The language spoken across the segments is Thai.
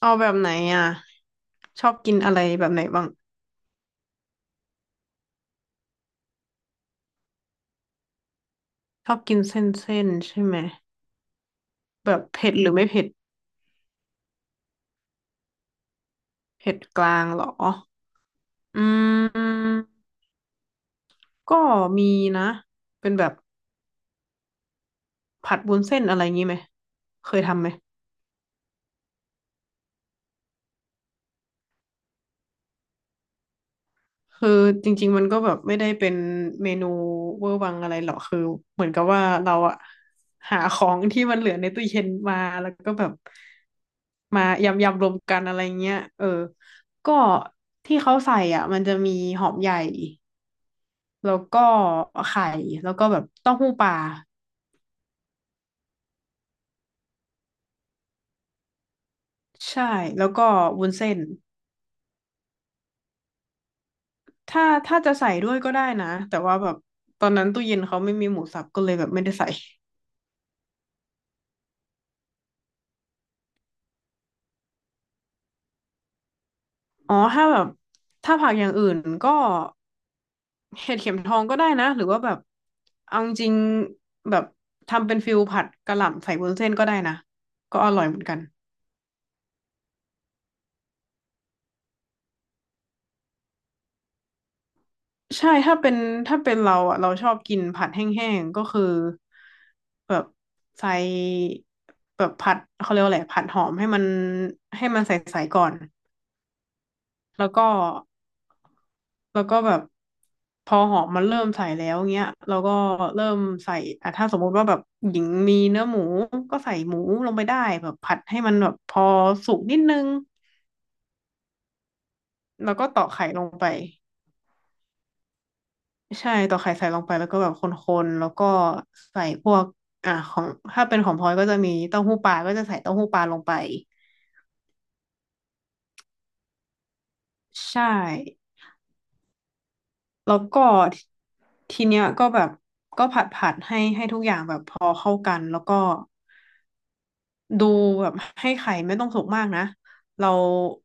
เอาแบบไหนอ่ะชอบกินอะไรแบบไหนบ้างชอบกินเส้นใช่ไหมแบบเผ็ดหรือไม่เผ็ดเผ็ดกลางเหรออืมก็มีนะเป็นแบบผัดวุ้นเส้นอะไรงี้ไหมเคยทำไหม คือจริงๆมันก็แบบไม่ได้เป็นเมนูเวอร์วังอะไรหรอกคือเหมือนกับว่าเราอะหาของที่มันเหลือในตู้เย็นมาแล้วก็แบบมายำรวมกันอะไรเงี้ยเออก็ที่เขาใส่อ่ะมันจะมีหอมใหญ่แล้วก็ไข่แล้วก็แบบเต้าหู้ปลาใช่แล้วก็วุ้นเส้นถ้าจะใส่ด้วยก็ได้นะแต่ว่าแบบตอนนั้นตู้เย็นเขาไม่มีหมูสับก็เลยแบบไม่ได้ใส่ อ๋อถ้าแบบถ้าผักอย่างอื่นก็เห็ดเข็มทองก็ได้นะ หรือว่าแบบเอาจริงๆแบบทำเป็นฟิลผัดกะหล่ำใส่วุ้นเส้นก็ได้นะ ก็อร่อยเหมือนกัน ใช่ ถ้าเป็นเราอ่ะเราชอบกินผัดแห้งๆก็คือแบบใส่แบบผัดเขาเรียกว่าอะไรผัดหอมให้มันให้มันใสๆก่อน แล้วก็แล้วก็แบบพอหอมมันเริ่มใส่แล้วเงี้ยเราก็เริ่มใส่อ่ะถ้าสมมุติว่าแบบหญิงมีเนื้อหมูก็ใส่หมูลงไปได้แบบผัดให้มันแบบพอสุกนิดนึงแล้วก็ตอกไข่ลงไปใช่ตอกไข่ใส่ลงไปแล้วก็แบบคนๆแล้วก็ใส่พวกอ่ะของถ้าเป็นของพลอยก็จะมีเต้าหู้ปลาก็จะใส่เต้าหู้ปลาลงไปใช่แล้วก็ททีเนี้ยก็แบบก็ผัดให้ให้ทุกอย่างแบบพอเข้ากันแล้วก็ ดูแบบให้ไข่ไม่ต้องสุกมากนะเรา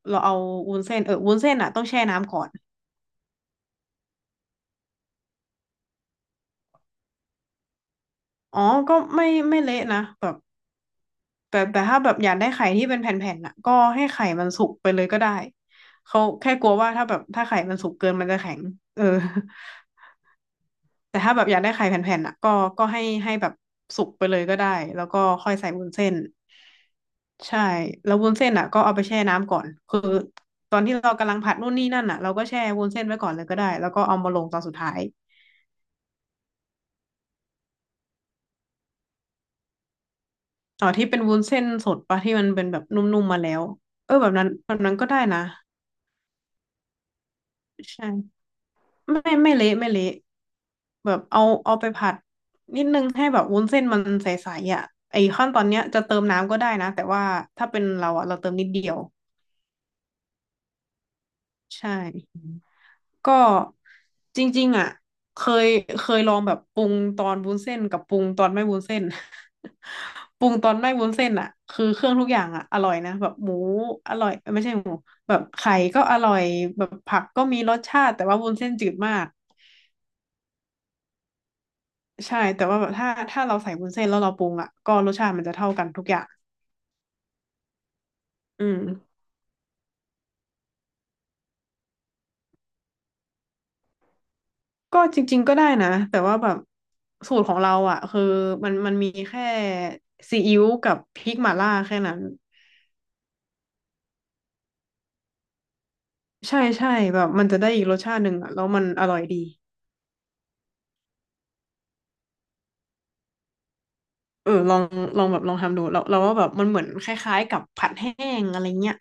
เราเอาวุ้นเส้นเออวุ้นเส้นอ่ะต้องแช่น้ำก่อนอ๋อก็ไม่เละนะแบบแต่ถ้าแบบอยากได้ไข่ที่เป็นแผ่นๆน่ะก็ให้ไข่มันสุกไปเลยก็ได้เขาแค่กลัวว่าถ้าแบบถ้าไข่มันสุกเกินมันจะแข็งเออ แต่ถ้าแบบอยากได้ไข่แผ่นๆน่ะก็ก็ให้ให้แบบสุกไปเลยก็ได้แล้วก็ค่อยใส่วุ้นเส้น ใช่แล้ววุ้นเส้นอ่ะก็เอาไปแช่น้ำก่อนคือตอนที่เรากำลังผัดนู่นนี่นั่นอ่ะเราก็แช่วุ้นเส้นไว้ก่อนเลยก็ได้แล้วก็เอามาลงตอนสุดท้ายอ๋อที่เป็นวุ้นเส้นสดปะที่มันเป็นแบบนุ่มๆมาแล้วเออแบบนั้นแบบนั้นก็ได้นะใช่ไม่เละไม่เละแบบเอาไปผัดนิดนึงให้แบบวุ้นเส้นมันใสๆอ่ะไอ้ขั้นตอนเนี้ยจะเติมน้ำก็ได้นะแต่ว่าถ้าเป็นเราอ่ะเราเติมนิดเดียวใช่ ก็จริงๆอ่ะเคยเคยลองแบบปรุงตอนวุ้นเส้นกับปรุงตอนไม่วุ้นเส้น ปรุงตอนไม่วุ้นเส้นอ่ะคือเครื่องทุกอย่างอ่ะอร่อยนะแบบหมูอร่อยเอ้ยไม่ใช่หมูแบบไข่ก็อร่อยแบบผักก็มีรสชาติแต่ว่าวุ้นเส้นจืดมากใช่แต่ว่าแบบถ้าเราใส่วุ้นเส้นแล้วเราปรุงอ่ะก็รสชาติมันจะเท่ากันทุกอย่างอืมก็จริงๆก็ได้นะแต่ว่าแบบสูตรของเราอ่ะคือมันมีแค่ซีอิ๊วกับพริกหม่าล่าแค่นั้น ใช่ใช่แบบมันจะได้อีกรสชาติหนึ่งอ่ะแล้วมันอร่อยดีเออลองลองแบบลองทำดูเราว่าแบบมันเหมือนคล้ายๆกับผัดแห้งอะไรเงี้ย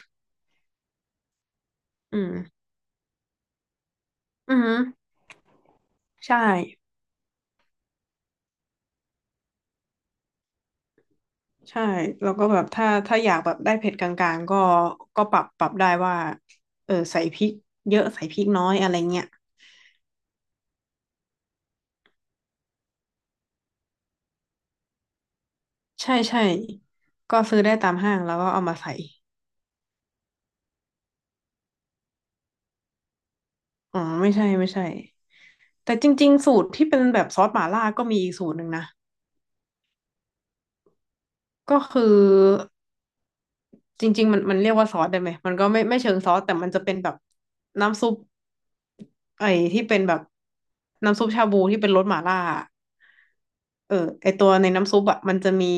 อืมอือือใช่ใช่แล้วก็แบบถ้าอยากแบบได้เผ็ดกลางๆก็ก็ปรับได้ว่าเออใส่พริกเยอะใส่พริกน้อยอะไรเงี้ยใช่ใช่ก็ซื้อได้ตามห้างแล้วก็เอามาใส่อ๋อไม่ใช่แต่จริงๆสูตรที่เป็นแบบซอสหม่าล่าก็มีอีกสูตรหนึ่งนะก็คือ จริงๆมันเรียกว่าซอสได้ไหมมันก็ไม่เชิงซอสแต่มันจะเป็นแบบน้ำซุปไอ้ที่เป็นแบบน้ำซุปชาบูที่เป็นรสหม่าล่าอะเออไอตัวในน้ำซุปอ่ะมันจะมี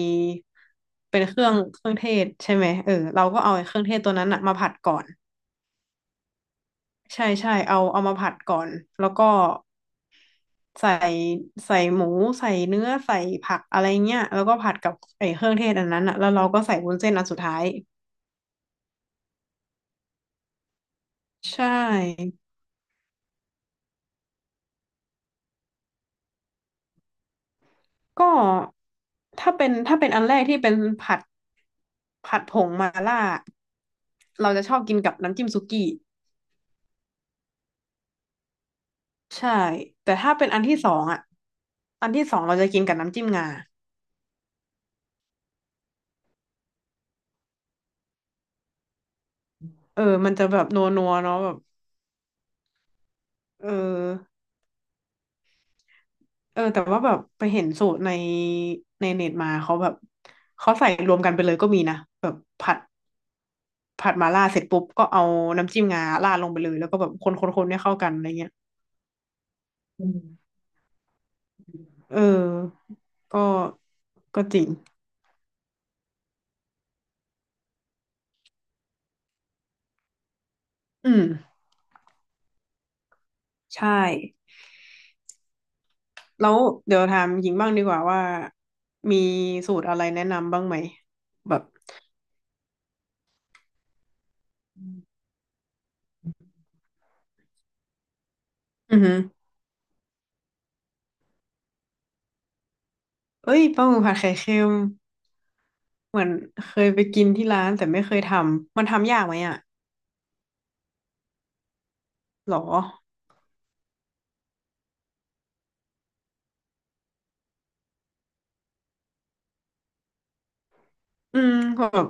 เป็นเครื่องเทศใช่ไหมเออเราก็เอาไอ้เครื่องเทศตัวนั้นอ่ะมาผัดก่อนใช่ใช่เอามาผัดก่อนแล้วก็ใส่ใส่หมูใส่เนื้อใส่ผักอะไรเงี้ยแล้วก็ผัดกับไอ้เครื่องเทศอันนั้นอ่ะแล้วเราก็ใส่วุ้นเส้นอันสุดท้ายใช่ ก็ถ้าเป็นอันแรกที่เป็นผัดผัดผงมาล่าเราจะชอบกินกับน้ำจิ้มซุกี้ใช่แต่ถ้าเป็นอันที่สองอ่ะอันที่สองเราจะกินกับน้ำจิ้มงาเออมันจะแบบนัวนัวเนาะแบบเออเออแต่ว่าแบบไปเห็นสูตรในเน็ตมาเขาแบบเขาใส่รวมกันไปเลยก็มีนะแบบผัดผัดมาล่าเสร็จปุ๊บก็เอาน้ำจิ้มงาราดลงไปเลยแล้วก็แบบคนให้เข้ากันอะไรเงี้ยอืมเออก็ก็จริงอืม ใช่แล้วเดี๋ยวถามหญิงบ้างดีกว่าว่ามีสูตรอะไรแนะนำบ้างไหมแบบอือหือเอ้ยปลาหมึกผัดไข่เค็มเหมือนเคยไปกินที่ร้านแต่ไม่เคยทำมันทำยากไหมอ่ะหรออืมแบบ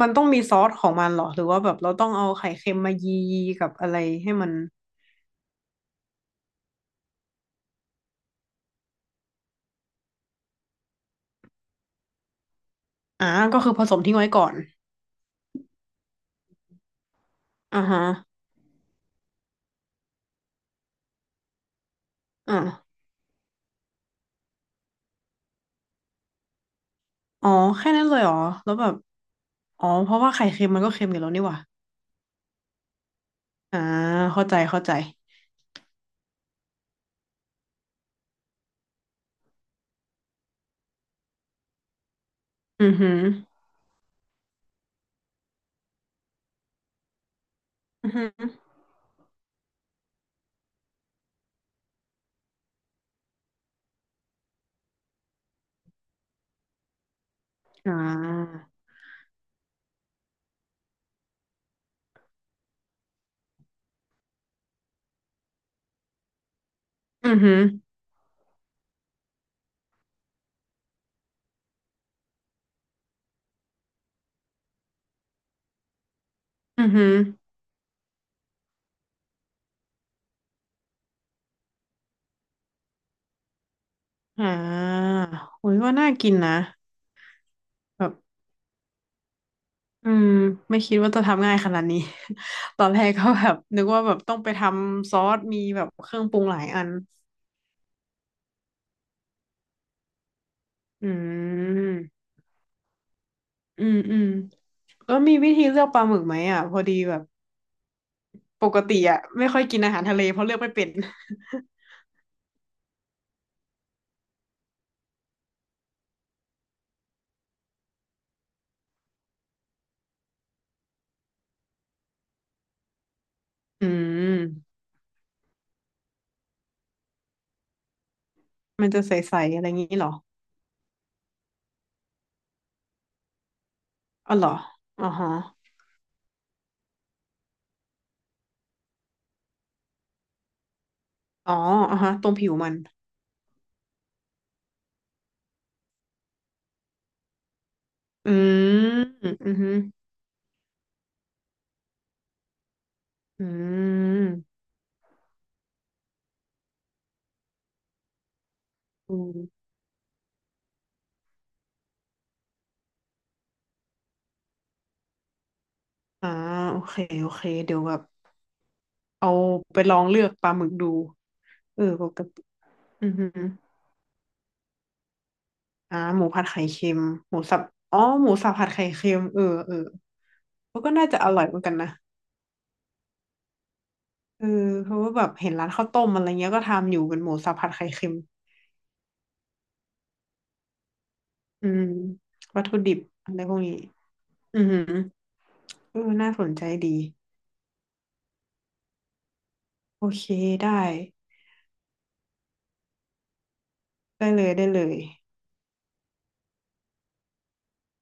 มันต้องมีซอสของมันเหรอหรือว่าแบบเราต้องเอาไข่เค็มมายีกับอะไรให้มันอ่าก็คือผสมทิ้งไว้ก่อนอ่าฮะอ่าอ๋อแค่นั้นเลยเหรอแล้วแบบอ๋อเพราะว่าไข่เค็มมันก็เค็มอยู่แล้วนี่หว่า อ่าเข้าใจเข้าใจอือหืออือหืออ่าอือหืออือหืออ่าโอ้ยว่าน่ากินนะแบบอืมไม่คิดว่าจะทำง่ายขนาดนี้ ตอนแรกก็แบบนึกว่าแบบต้องไปทำซอสมีแบบเครื่องปรุงหลายอันอืมอืมอืมแล้วมีวิธีเลือกปลาหมึกไหมอ่ะพอดีแบบปกติอ่ะไม่ค่อยกินอาหารทะเลเพราะเลือกไม่เป็น อืม มันจะใสๆอะไรงี้เหรออ๋อเหรออ๋อฮะ อ๋ออ่ะฮะตรงผิวมันอืมอือหืออืมอืมอ่าโอเคโอเค เดี๋ยวแบบเอาไปลองเลือกปลาหมึกดูเออปกติอือหืออ่าหมูผัดไข่เค็มหมูสับอ๋อหมูสับผัดไข่เค็มเออเออมันก็น่าจะอร่อยเหมือนกันนะเออเพราะว่าแบบเห็นร้านข้าวต้มอะไรเงี้ยก็ทำอยู่เป็นหมูสับผัดไข่เค็มอืมวัตถุดิบอะไรพวกนี้อือหือเออน่าสนใจดีโอเคได้ได้เลยได้เลย